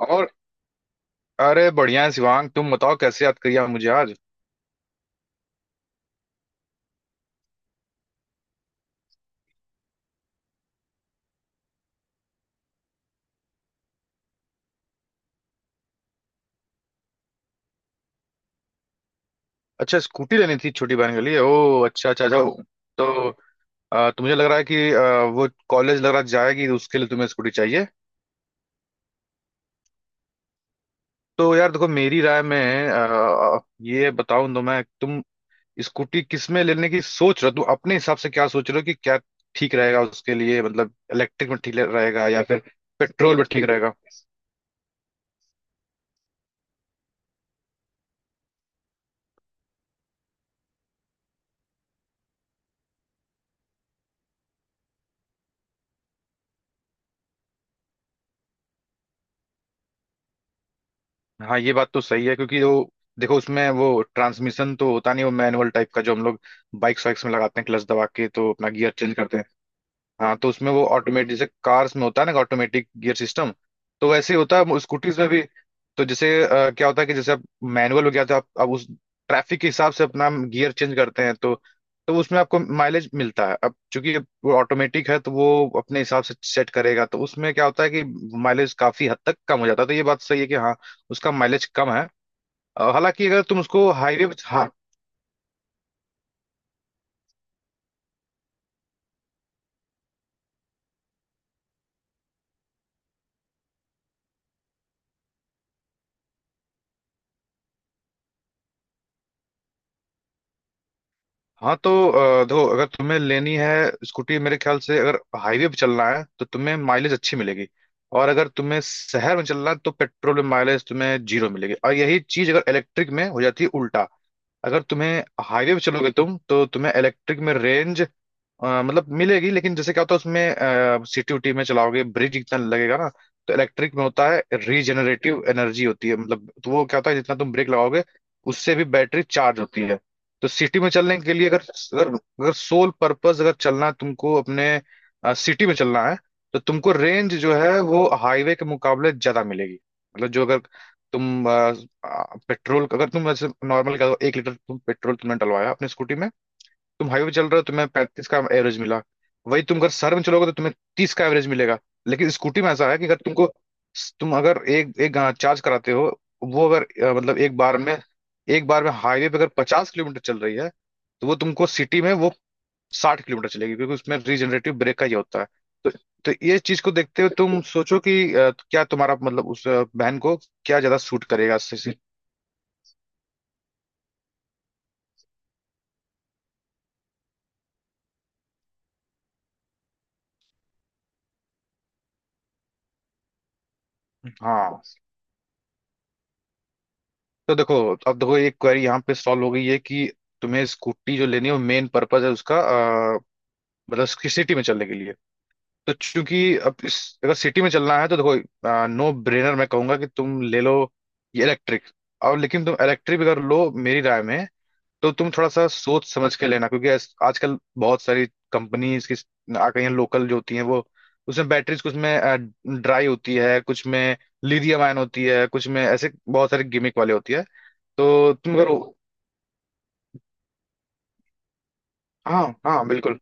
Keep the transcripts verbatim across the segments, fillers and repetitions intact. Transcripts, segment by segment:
और अरे बढ़िया है शिवांग। तुम बताओ, कैसे याद करिए मुझे आज? अच्छा, स्कूटी लेनी थी छोटी बहन के लिए। ओ अच्छा अच्छा, जाओ। तो अ, तुम्हें लग रहा है कि अ, वो कॉलेज लग रहा है जाएगी तो उसके लिए तुम्हें स्कूटी चाहिए। तो यार देखो, मेरी राय में अ, ये बताऊं तो मैं तुम स्कूटी किस में लेने की सोच रहे हो, तुम अपने हिसाब से क्या सोच रहे हो कि क्या ठीक रहेगा उसके लिए, मतलब इलेक्ट्रिक में ठीक रहेगा या फिर पेट्रोल में ठीक रहेगा। हाँ, ये बात तो सही है, क्योंकि वो देखो, उसमें वो ट्रांसमिशन तो होता नहीं, वो मैनुअल टाइप का, जो हम लोग बाइक्स वाइक्स में लगाते हैं क्लच दबा के तो अपना गियर चेंज करते। हाँ, तो उसमें वो ऑटोमेटिक, जैसे कार्स में होता है ना ऑटोमेटिक गियर सिस्टम, तो वैसे ही होता है स्कूटीज में भी। तो जैसे अ, क्या होता है कि जैसे आप मैनुअल हो गया तो आप अब उस ट्रैफिक के हिसाब से अपना गियर चेंज करते हैं, तो तो उसमें आपको माइलेज मिलता है। अब चूंकि वो ऑटोमेटिक है तो वो अपने हिसाब से सेट करेगा, तो उसमें क्या होता है कि माइलेज काफी हद तक कम हो जाता है। तो ये बात सही है कि हाँ, उसका माइलेज कम है। अ, हालांकि अगर तुम उसको हाईवे, हाँ, तो अ, देखो अगर तुम्हें लेनी है स्कूटी, मेरे ख्याल से अगर हाईवे पे चलना है तो तुम्हें माइलेज अच्छी मिलेगी, और अगर तुम्हें शहर में चलना है तो पेट्रोल में माइलेज तुम्हें जीरो मिलेगी, और यही चीज अगर इलेक्ट्रिक में हो जाती है उल्टा। अगर तुम्हें हाईवे पे चलोगे तुम, तो तुम्हें इलेक्ट्रिक में रेंज अ, मतलब मिलेगी, लेकिन जैसे क्या होता है उसमें सिटी उटी में चलाओगे ब्रिज इतना लगेगा ना, तो इलेक्ट्रिक में होता है रीजनरेटिव एनर्जी होती है मतलब, तो वो क्या होता है जितना तुम ब्रेक लगाओगे उससे भी बैटरी चार्ज होती है। तो सिटी में चलने के लिए अगर अगर, अगर सोल पर्पस अगर चलना है तुमको अपने सिटी में चलना है, तो तुमको रेंज जो है वो हाईवे के मुकाबले ज्यादा मिलेगी। मतलब जो अगर तुम पेट्रोल, अगर तुम वैसे नॉर्मल एक लीटर तुम पेट्रोल तुमने डलवाया अपने स्कूटी में, तुम हाईवे चल रहे हो तुम्हें पैंतीस का एवरेज मिला, वही तुम अगर शहर में चलोगे तो तुम्हें तीस का एवरेज मिलेगा। लेकिन स्कूटी में ऐसा है कि अगर तुमको, तुम अगर एक एक चार्ज कराते हो वो अगर अ, मतलब एक बार में एक बार में हाईवे पे अगर पचास किलोमीटर चल रही है तो वो तुमको सिटी में वो साठ किलोमीटर चलेगी, क्योंकि उसमें रीजनरेटिव ब्रेक का ये होता है। तो तो ये चीज को देखते हुए तुम सोचो कि अ, क्या तुम्हारा मतलब उस अ, बहन को क्या ज्यादा सूट करेगा इससे- हाँ, तो देखो, अब देखो, ये क्वेरी यहाँ पे सॉल्व हो गई है कि तुम्हें स्कूटी जो लेनी है वो मेन पर्पज है उसका अ, मतलब कि सिटी में चलने के लिए। तो चूंकि अब इस, अगर सिटी में चलना है तो देखो, नो ब्रेनर मैं कहूंगा कि तुम ले लो ये इलेक्ट्रिक। और लेकिन तुम इलेक्ट्रिक अगर लो मेरी राय में, तो तुम थोड़ा सा सोच समझ के लेना, क्योंकि आज- आजकल बहुत सारी कंपनीज की आ गई हैं लोकल जो होती हैं, वो उसमें बैटरीज कुछ में ड्राई होती है, कुछ में लिथियम आयन होती है, कुछ में ऐसे बहुत सारे गिमिक वाले होती है। तो तुम करो, हाँ हाँ बिल्कुल,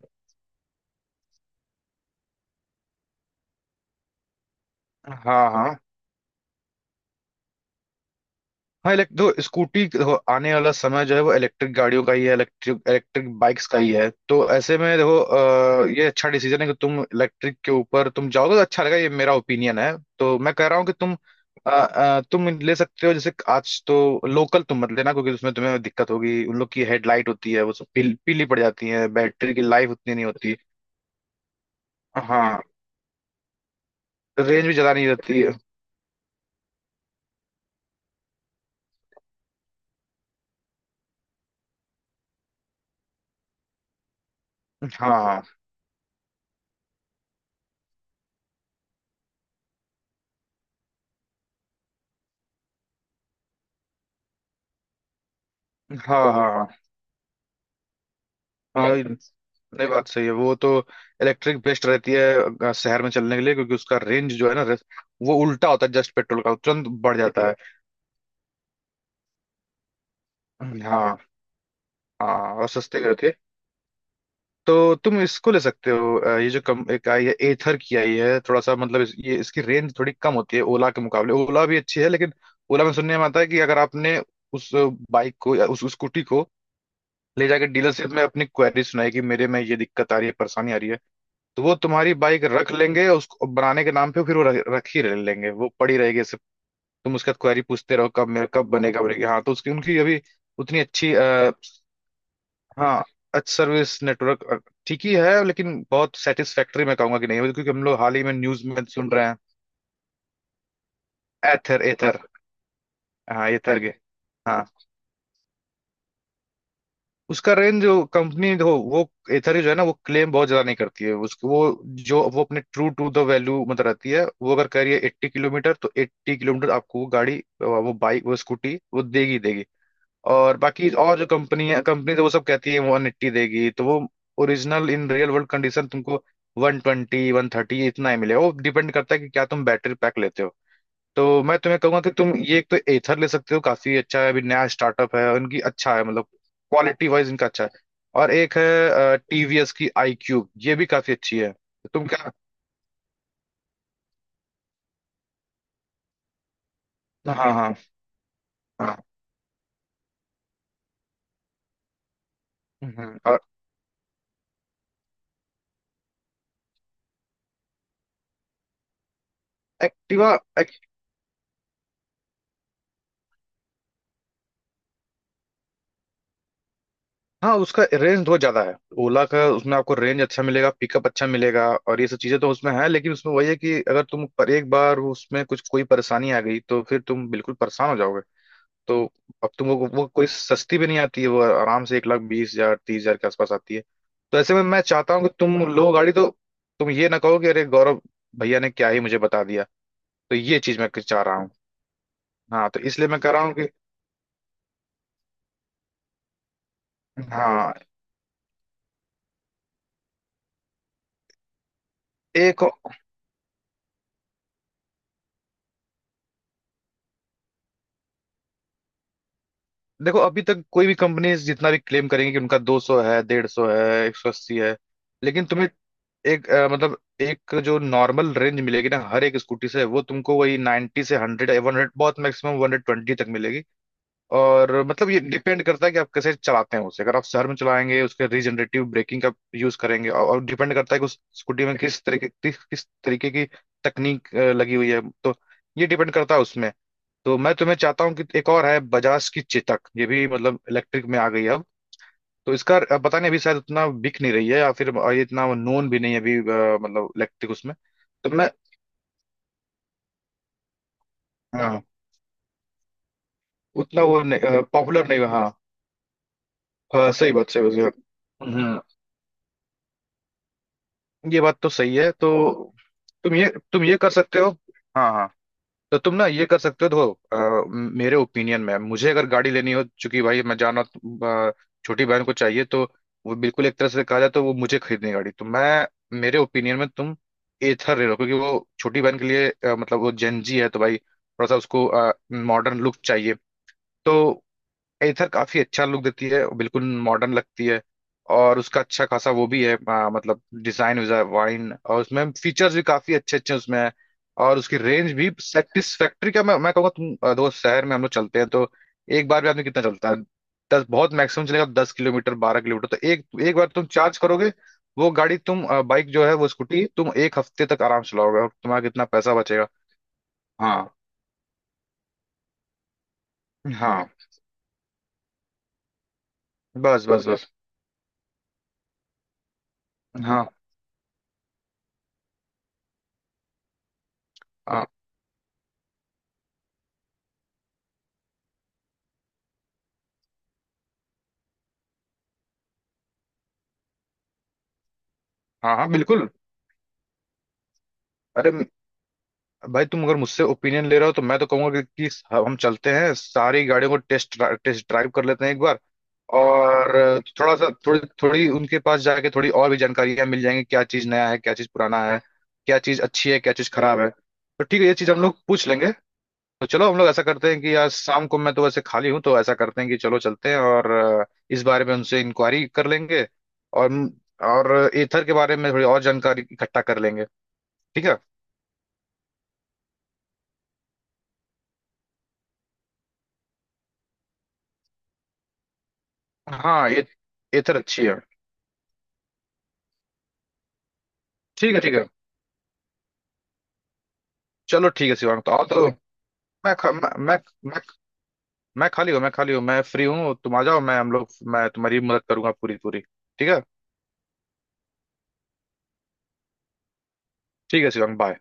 हाँ हाँ, हाँ इलेक्ट दो स्कूटी देखो, आने वाला समय जो है वो इलेक्ट्रिक गाड़ियों का ही है, इलेक्ट्रिक इलेक्ट्रिक बाइक्स का ही है। तो ऐसे में देखो अ, ये अच्छा डिसीजन है कि तुम इलेक्ट्रिक के ऊपर तुम जाओगे तो अच्छा रहेगा, ये मेरा ओपिनियन है। तो मैं कह रहा हूँ कि तुम अ, अ, तुम ले सकते हो। जैसे आज तो लोकल तुम मत लेना, क्योंकि उसमें तुम्हें दिक्कत होगी, उन लोग की हेडलाइट होती है वो सब पील, पीली पड़ जाती है, बैटरी की लाइफ उतनी नहीं होती, हाँ, रेंज भी ज्यादा नहीं रहती है। हाँ हाँ हाँ हाँ हाँ, नहीं बात सही है, वो तो इलेक्ट्रिक बेस्ट रहती है अ, शहर में चलने के लिए, क्योंकि उसका रेंज जो है ना रेस- वो उल्टा होता है जस्ट, पेट्रोल का तुरंत बढ़ जाता है। हाँ हाँ, और सस्ते भी रहती है। तो तुम इसको ले सकते हो, अ, ये जो कम एक आई है एथर की आई है, थोड़ा सा मतलब इस, ये इसकी रेंज थोड़ी कम होती है ओला के मुकाबले। ओला भी अच्छी है, लेकिन ओला में सुनने में आता है कि अगर आपने उस बाइक को या उस स्कूटी को ले जाकर डीलरशिप में अपनी क्वेरी सुनाई कि मेरे में ये दिक्कत आ रही है, परेशानी आ रही है, तो वो तुम्हारी बाइक रख लेंगे उसको बनाने के नाम पे, फिर वो रख, रख ही ले- लेंगे, वो पड़ी रहेगी ऐसे। तुम उसका क्वेरी पूछते रहो कब मेरा कब बनेगा बनेगा, हाँ तो उसकी उनकी अभी उतनी अच्छी आ, हाँ अच्छी सर्विस नेटवर्क अ, ठीक ही है, लेकिन बहुत सेटिस्फैक्टरी मैं कहूंगा कि नहीं है, क्योंकि हम लोग हाल ही में न्यूज में सुन रहे हैं। एथर एथर, हाँ एथर के, हाँ। उसका रेंज जो कंपनी हो वो, एथर जो है ना वो क्लेम बहुत ज्यादा नहीं करती है, उसको वो जो वो अपने ट्रू टू द वैल्यू मतलब रहती है, वो अगर कह रही है एट्टी किलोमीटर तो एट्टी किलोमीटर आपको वो गाड़ी वो बाइक वो स्कूटी वो देगी देगी। और बाकी और जो कंपनी है कंपनी तो वो सब कहती है वन एट्टी देगी, तो वो original in real world condition तुमको वन ट्वेंटी वन थर्टी इतना ही मिलेगा। वो डिपेंड करता है कि क्या तुम बैटरी पैक लेते हो। तो मैं तुम्हें कहूंगा कि तुम ये एक तो एथर ले सकते हो, काफी अच्छा है, अभी नया स्टार्टअप है उनकी, अच्छा है मतलब क्वालिटी वाइज इनका अच्छा है। और एक है टीवीएस की आई क्यूब, ये भी काफी अच्छी है। तो तुम क्या, हाँ हाँ हाँ, हम्म, और एक्टिवा, एक, हाँ उसका रेंज बहुत ज्यादा है ओला का, उसमें आपको रेंज अच्छा मिलेगा, पिकअप अच्छा मिलेगा और ये सब चीजें तो उसमें है, लेकिन उसमें वही है कि अगर तुम पर एक बार उसमें कुछ कोई परेशानी आ गई तो फिर तुम बिल्कुल परेशान हो जाओगे। तो अब तुम वो, वो कोई सस्ती भी नहीं आती है, वो आराम से एक लाख बीस हजार तीस हजार के आसपास आती है। तो ऐसे में मैं चाहता हूँ कि तुम लो गाड़ी तो तुम ये ना कहो कि अरे गौरव भैया ने क्या ही मुझे बता दिया, तो ये चीज मैं चाह रहा हूँ। हाँ, तो इसलिए मैं कह रहा हूँ कि हाँ, एक देखो, अभी तक कोई भी कंपनी जितना भी क्लेम करेंगे कि उनका दो सौ है, डेढ़ सौ है, एक सौ अस्सी है, लेकिन तुम्हें एक अ, मतलब एक जो नॉर्मल रेंज मिलेगी ना हर एक स्कूटी से वो तुमको वही नाइंटी से हंड्रेड वन हंड्रेड, बहुत मैक्सिमम वन हंड्रेड ट्वेंटी तक मिलेगी। और मतलब ये डिपेंड करता है कि आप कैसे चलाते हैं उसे, अगर आप शहर में चलाएंगे उसके रीजनरेटिव ब्रेकिंग का यूज करेंगे, और, और डिपेंड करता है कि उस स्कूटी में किस तरीके किस किस तरीके की तकनीक अ, लगी हुई है, तो ये डिपेंड करता है उसमें। तो मैं तुम्हें चाहता हूँ कि एक और है बजाज की चेतक, ये भी मतलब इलेक्ट्रिक में आ गई है अब। तो इसका अब पता नहीं, अभी शायद उतना बिक नहीं रही है या फिर ये इतना नोन भी नहीं है अभी अ, मतलब इलेक्ट्रिक उसमें। तो मैं, हाँ उतना वो नहीं, पॉपुलर नहीं हुआ, हाँ, हाँ सही बात, सही बात, सही बात। ये बात तो सही है। तो तुम ये तुम ये कर सकते हो, हाँ हाँ, तो तुम ना ये कर सकते हो देखो, अ, मेरे ओपिनियन में मुझे अगर गाड़ी लेनी हो, चूंकि भाई मैं जाना अ, छोटी बहन को चाहिए तो वो बिल्कुल एक तरह से कहा जाए तो वो मुझे खरीदनी है गाड़ी, तो मैं मेरे ओपिनियन में तुम एथर ले लो, क्योंकि वो छोटी बहन के लिए अ, मतलब वो जेंजी है तो भाई थोड़ा सा उसको मॉडर्न लुक चाहिए। तो एथर काफी अच्छा लुक देती है, बिल्कुल मॉडर्न लगती है, और उसका अच्छा खासा वो भी है आ, मतलब डिजाइन वाइन, और उसमें फीचर्स भी काफी अच्छे अच्छे उसमें है। और उसकी रेंज भी सेटिस्फैक्ट्री का मैं मैं कहूँगा। तुम आ, दोस्त शहर में हम लोग चलते हैं तो एक बार भी आदमी कितना चलता है, दस बहुत मैक्सिमम चलेगा, तो दस किलोमीटर बारह किलोमीटर, तो एक एक बार तुम चार्ज करोगे वो गाड़ी, तुम बाइक जो है वो स्कूटी तुम एक हफ्ते तक आराम से चलाओगे, और तुम्हारा कितना पैसा बचेगा। हाँ हाँ, बस बस बस, हाँ हाँ हाँ हाँ बिल्कुल। अरे भाई, तुम अगर मुझसे ओपिनियन ले रहे हो तो मैं तो कहूंगा कि, कि हम चलते हैं सारी गाड़ियों को टेस्ट, टेस्ट ड्राइव कर लेते हैं एक बार, और थोड़ा सा थोड़ी थोड़ी उनके पास जाके थोड़ी और भी जानकारियां मिल जाएंगी, क्या चीज नया है, क्या चीज पुराना है, क्या चीज अच्छी है, क्या चीज खराब है, तो ठीक है ये चीज हम लोग पूछ लेंगे। तो चलो हम लोग ऐसा करते हैं कि आज शाम को मैं तो वैसे खाली हूँ, तो ऐसा करते हैं कि चलो चलते हैं और अ, इस बारे में उनसे इंक्वायरी कर लेंगे, और और एथर के बारे में थोड़ी और जानकारी इकट्ठा कर लेंगे, ठीक है। हाँ, ये एथर अच्छी है। ठीक है, ठीक है, चलो ठीक है शिवांग, तो आओ तो। मैं ख- मैं मैं मैं, मैं खाली हूँ, मैं खाली हूँ, मैं फ्री हूँ, तुम आ जाओ, मैं हम लोग, मैं तुम्हारी मदद करूंगा पूरी पूरी, ठीक है। ठीक है शिवांग, बाय।